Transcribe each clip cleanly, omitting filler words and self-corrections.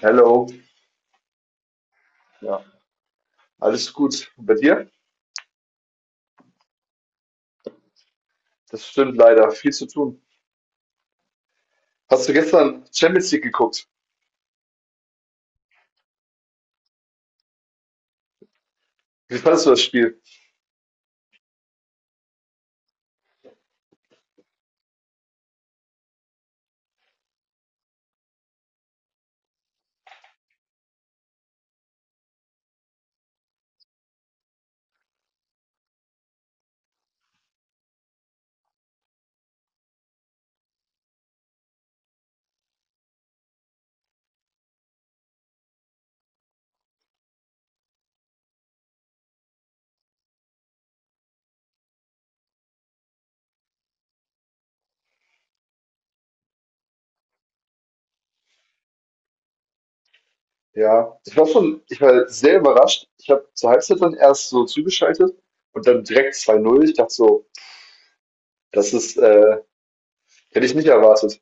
Hello. Ja, alles gut. Und bei dir? Das stimmt leider. Viel zu tun. Hast du gestern Champions League geguckt? Wie fandest du das Spiel? Ja, ich war sehr überrascht. Ich habe zur Halbzeit dann erst so zugeschaltet und dann direkt 2-0. Ich dachte so, das ist, äh, hätte ich nicht erwartet.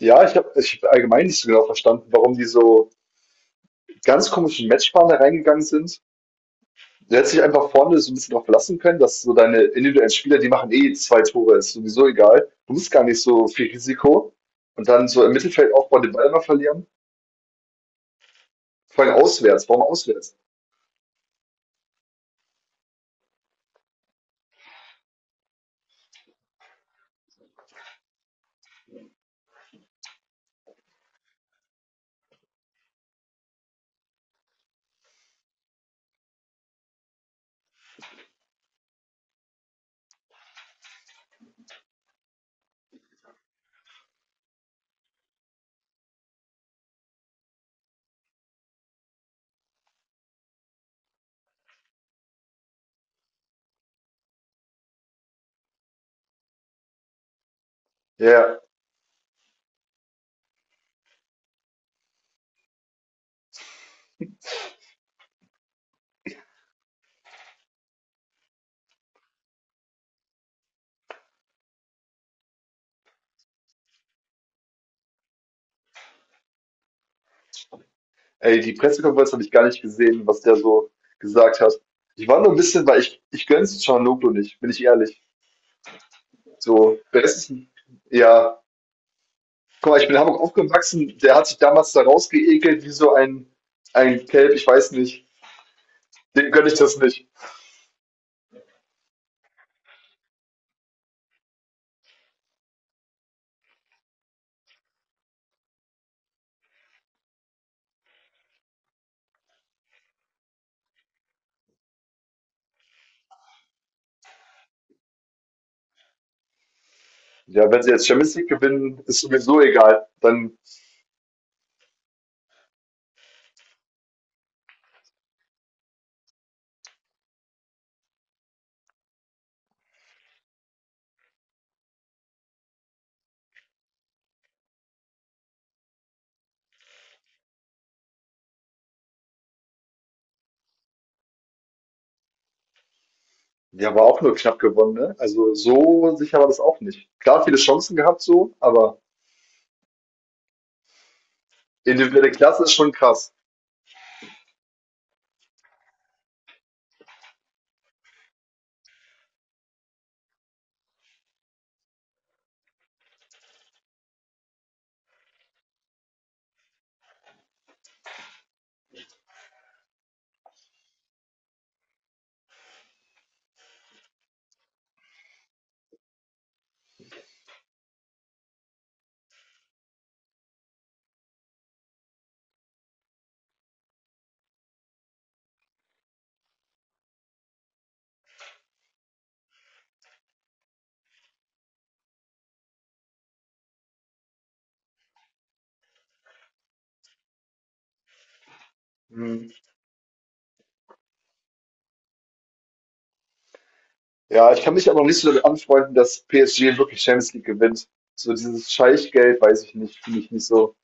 Ja, ich hab allgemein nicht so genau verstanden, warum die so mit ganz komischen Matchplan da reingegangen sind. Du hättest dich einfach vorne so ein bisschen drauf verlassen können, dass so deine individuellen Spieler, die machen eh zwei Tore, ist sowieso egal. Du musst gar nicht so viel Risiko. Und dann so im Mittelfeld aufbauen, den Ball immer verlieren. Vor allem auswärts. Warum auswärts? Ja, ja. Ey, die Pressekonferenz habe ich gar nicht gesehen, was der so gesagt hat. Ich war nur ein bisschen, weil ich gönn's Cianoglu nicht, bin ich ehrlich. So, besten, ja. Guck mal, ich bin in Hamburg aufgewachsen, der hat sich damals da rausgeekelt wie so ein Kelb, ich weiß nicht. Dem gönn ich das nicht. Ja, wenn sie jetzt Champions League gewinnen, ist sowieso egal. Dann, die haben wir auch nur knapp gewonnen, ne? Also so sicher war das auch nicht. Klar, viele Chancen gehabt so, aber individuelle Klasse ist schon krass. Hm. Ja, ich kann mich aber noch nicht so damit anfreunden, dass PSG wirklich Champions League gewinnt. So dieses Scheichgeld, weiß ich nicht, finde ich nicht so.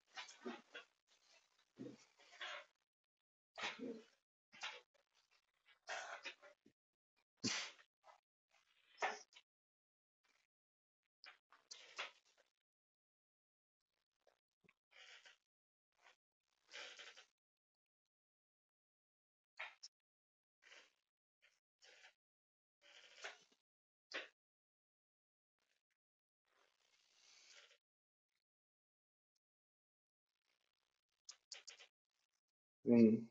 Hm.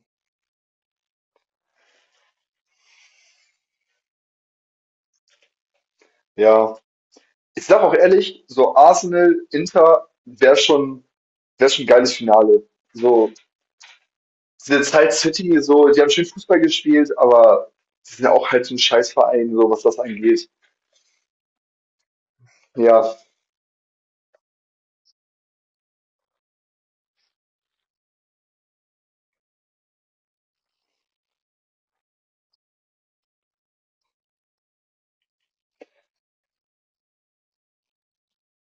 Ja, ich sag auch ehrlich, so Arsenal, Inter wär schon ein geiles Finale. So, Salt City, so, die haben schön Fußball gespielt, aber die sind ja auch halt so ein Scheißverein, so was das angeht. Ja,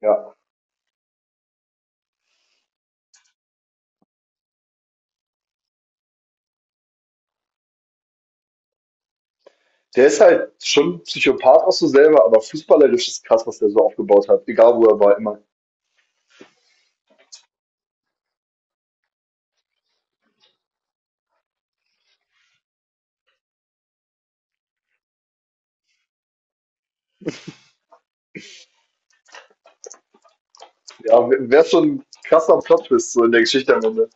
ja. Der ist halt schon Psychopath auch so selber, aber fußballerisch ist krass, was der so aufgebaut hat. Egal wo er war, immer. Ja, wäre schon ein krasser Plot-Twist so in der Geschichte am Ende.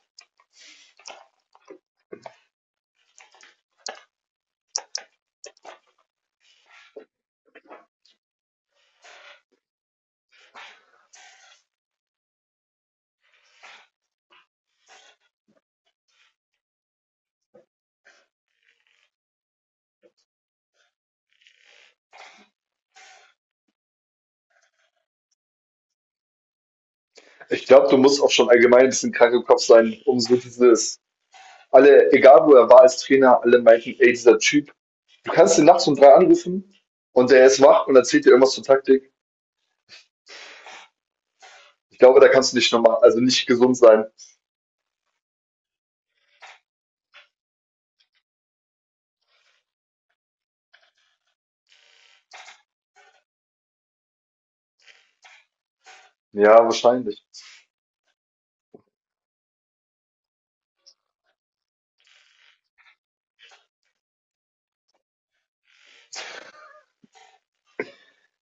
Ich glaube, du musst auch schon allgemein ein bisschen krank im Kopf sein, um so dieses. Alle, egal wo er war als Trainer, alle meinten, ey, dieser Typ, du kannst ihn nachts um 3 anrufen und der ist wach und erzählt dir irgendwas zur Taktik. Ich glaube, da kannst du nicht normal, also nicht gesund sein. Ja, wahrscheinlich.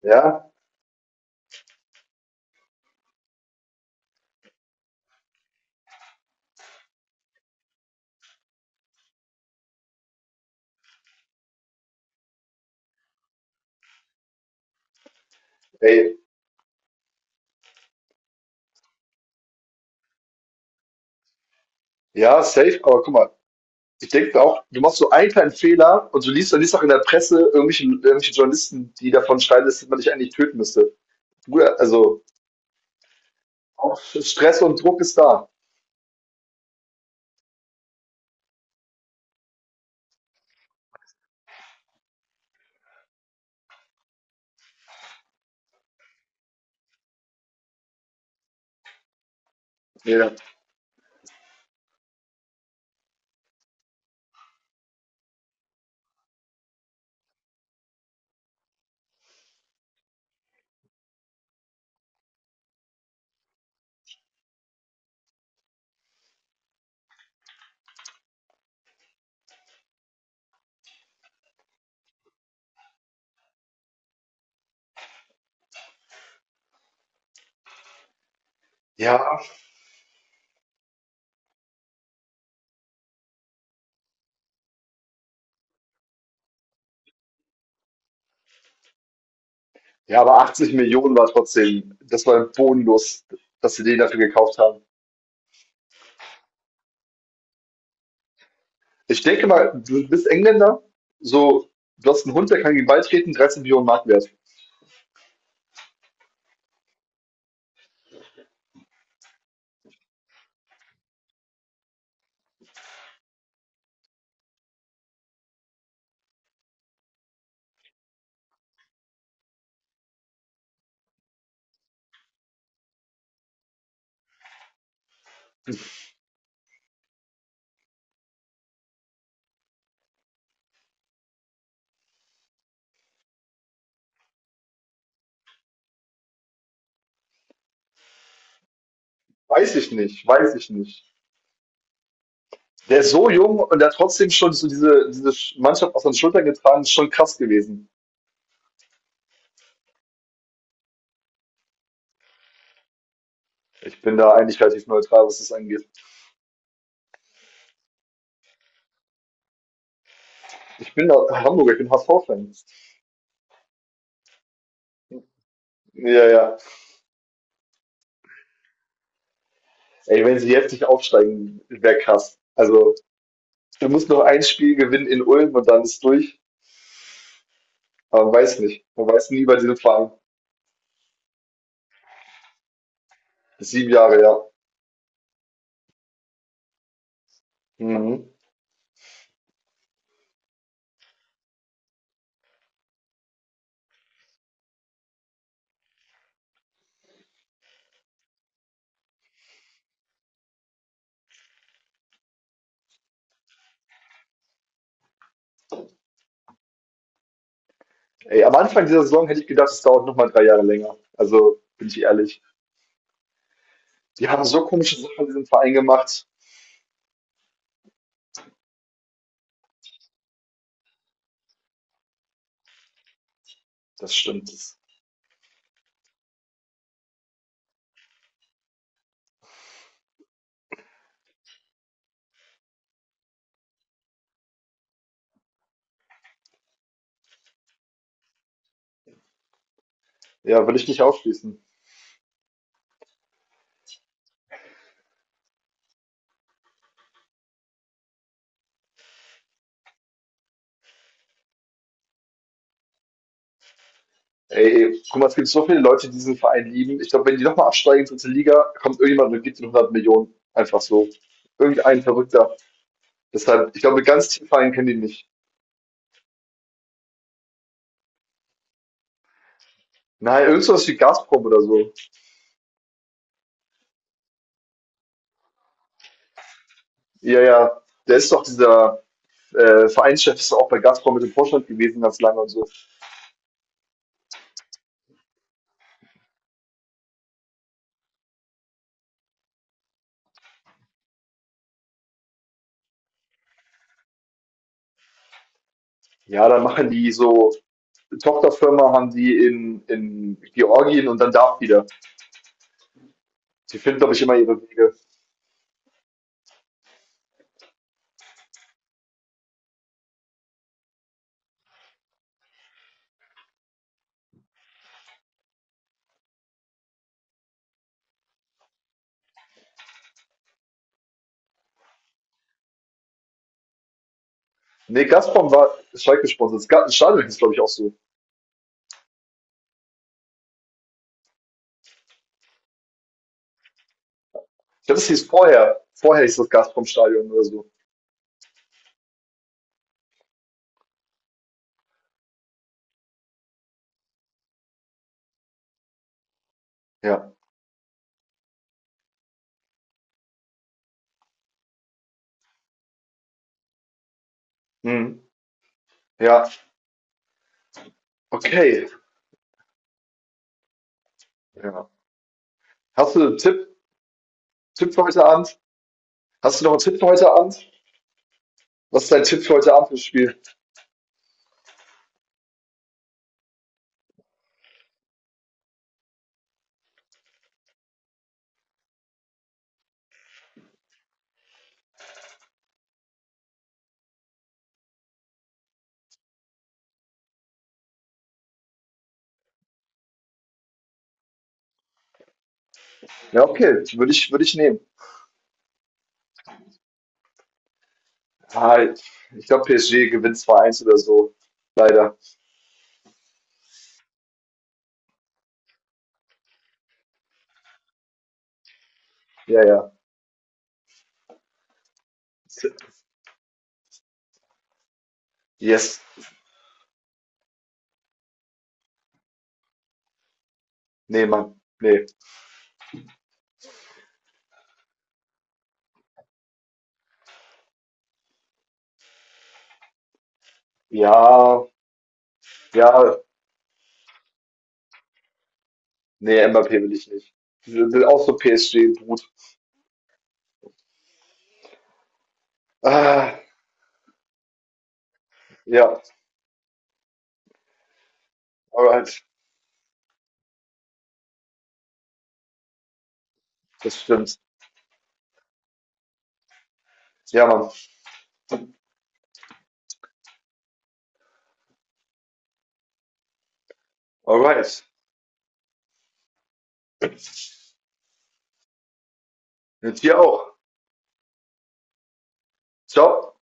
Ja, ey, ja, safe, aber guck mal, ich denke auch, du machst so einen kleinen Fehler und du liest, auch in der Presse irgendwelche Journalisten, die davon schreiben, dass man dich eigentlich töten müsste. Bruder, also auch Stress und Druck ist da. Ja, ja, ja, aber 80 Millionen war trotzdem, das war bodenlos, dass sie den dafür gekauft haben. Ich denke mal, du bist Engländer, so, du hast einen Hund, der kann gegen den Ball treten, 13 Millionen Mark wert. Weiß ich nicht, weiß ich nicht. Der ist so jung und der hat trotzdem schon so diese Mannschaft auf seinen Schultern getragen, ist schon krass gewesen. Ich bin da eigentlich relativ neutral, was das angeht. Ich bin da Hamburger, ich bin HSV-Fan. Ja, ja. Ey, wenn sie jetzt nicht aufsteigen, wäre krass. Also, du musst noch ein Spiel gewinnen in Ulm und dann ist durch. Aber man weiß nicht. Man weiß nie bei diesem Verein. 7 Jahre, ja. Mhm. Ey, am Anfang dieser Saison hätte ich gedacht, es dauert nochmal 3 Jahre länger. Also, bin ich ehrlich. Die haben so komische Sachen in diesem Verein gemacht. Das stimmt. Das, ja, will ich nicht ausschließen. Ey, guck mal, es gibt so viele Leute, die diesen Verein lieben. Ich glaube, wenn die nochmal absteigen in die dritte Liga, kommt irgendjemand und gibt ihnen 100 Millionen. Einfach so. Irgendein Verrückter. Deshalb, ich glaube, ganz tief Verein kennen die nicht. Nein, irgendwas wie Gazprom oder so. Ja, ja. Der ist doch dieser Vereinschef, ist doch auch bei Gazprom mit dem Vorstand gewesen, ganz lange und so. Ja, dann machen die so eine Tochterfirma, haben die in Georgien und dann darf wieder. Die finden, glaube ich, immer ihre Wege. Nee, Gazprom war Schalke-Sponsor. Das Stadion ist, glaube ich, auch so. Ich glaube, das hieß vorher. Vorher hieß das Gazprom-Stadion oder so. Ja. Mhm. Ja. Okay. Ja. Hast du einen Tipp für heute Abend? Hast du noch einen Tipp für heute Abend? Was ist dein Tipp für heute Abend fürs Spiel? Ja, okay. Würde ich nehmen. Ah, ich glaube, PSG gewinnt 2-1 oder so. Leider. Ja, ja. Yes. Nee, Mann. Nee. Ja, ja. Nee, Mbappé will ich nicht. Ich will auch so PSG-Brut. Ah, ja, alright. Das stimmt. Ja, Mann. Alright. Jetzt hier auch. Stop!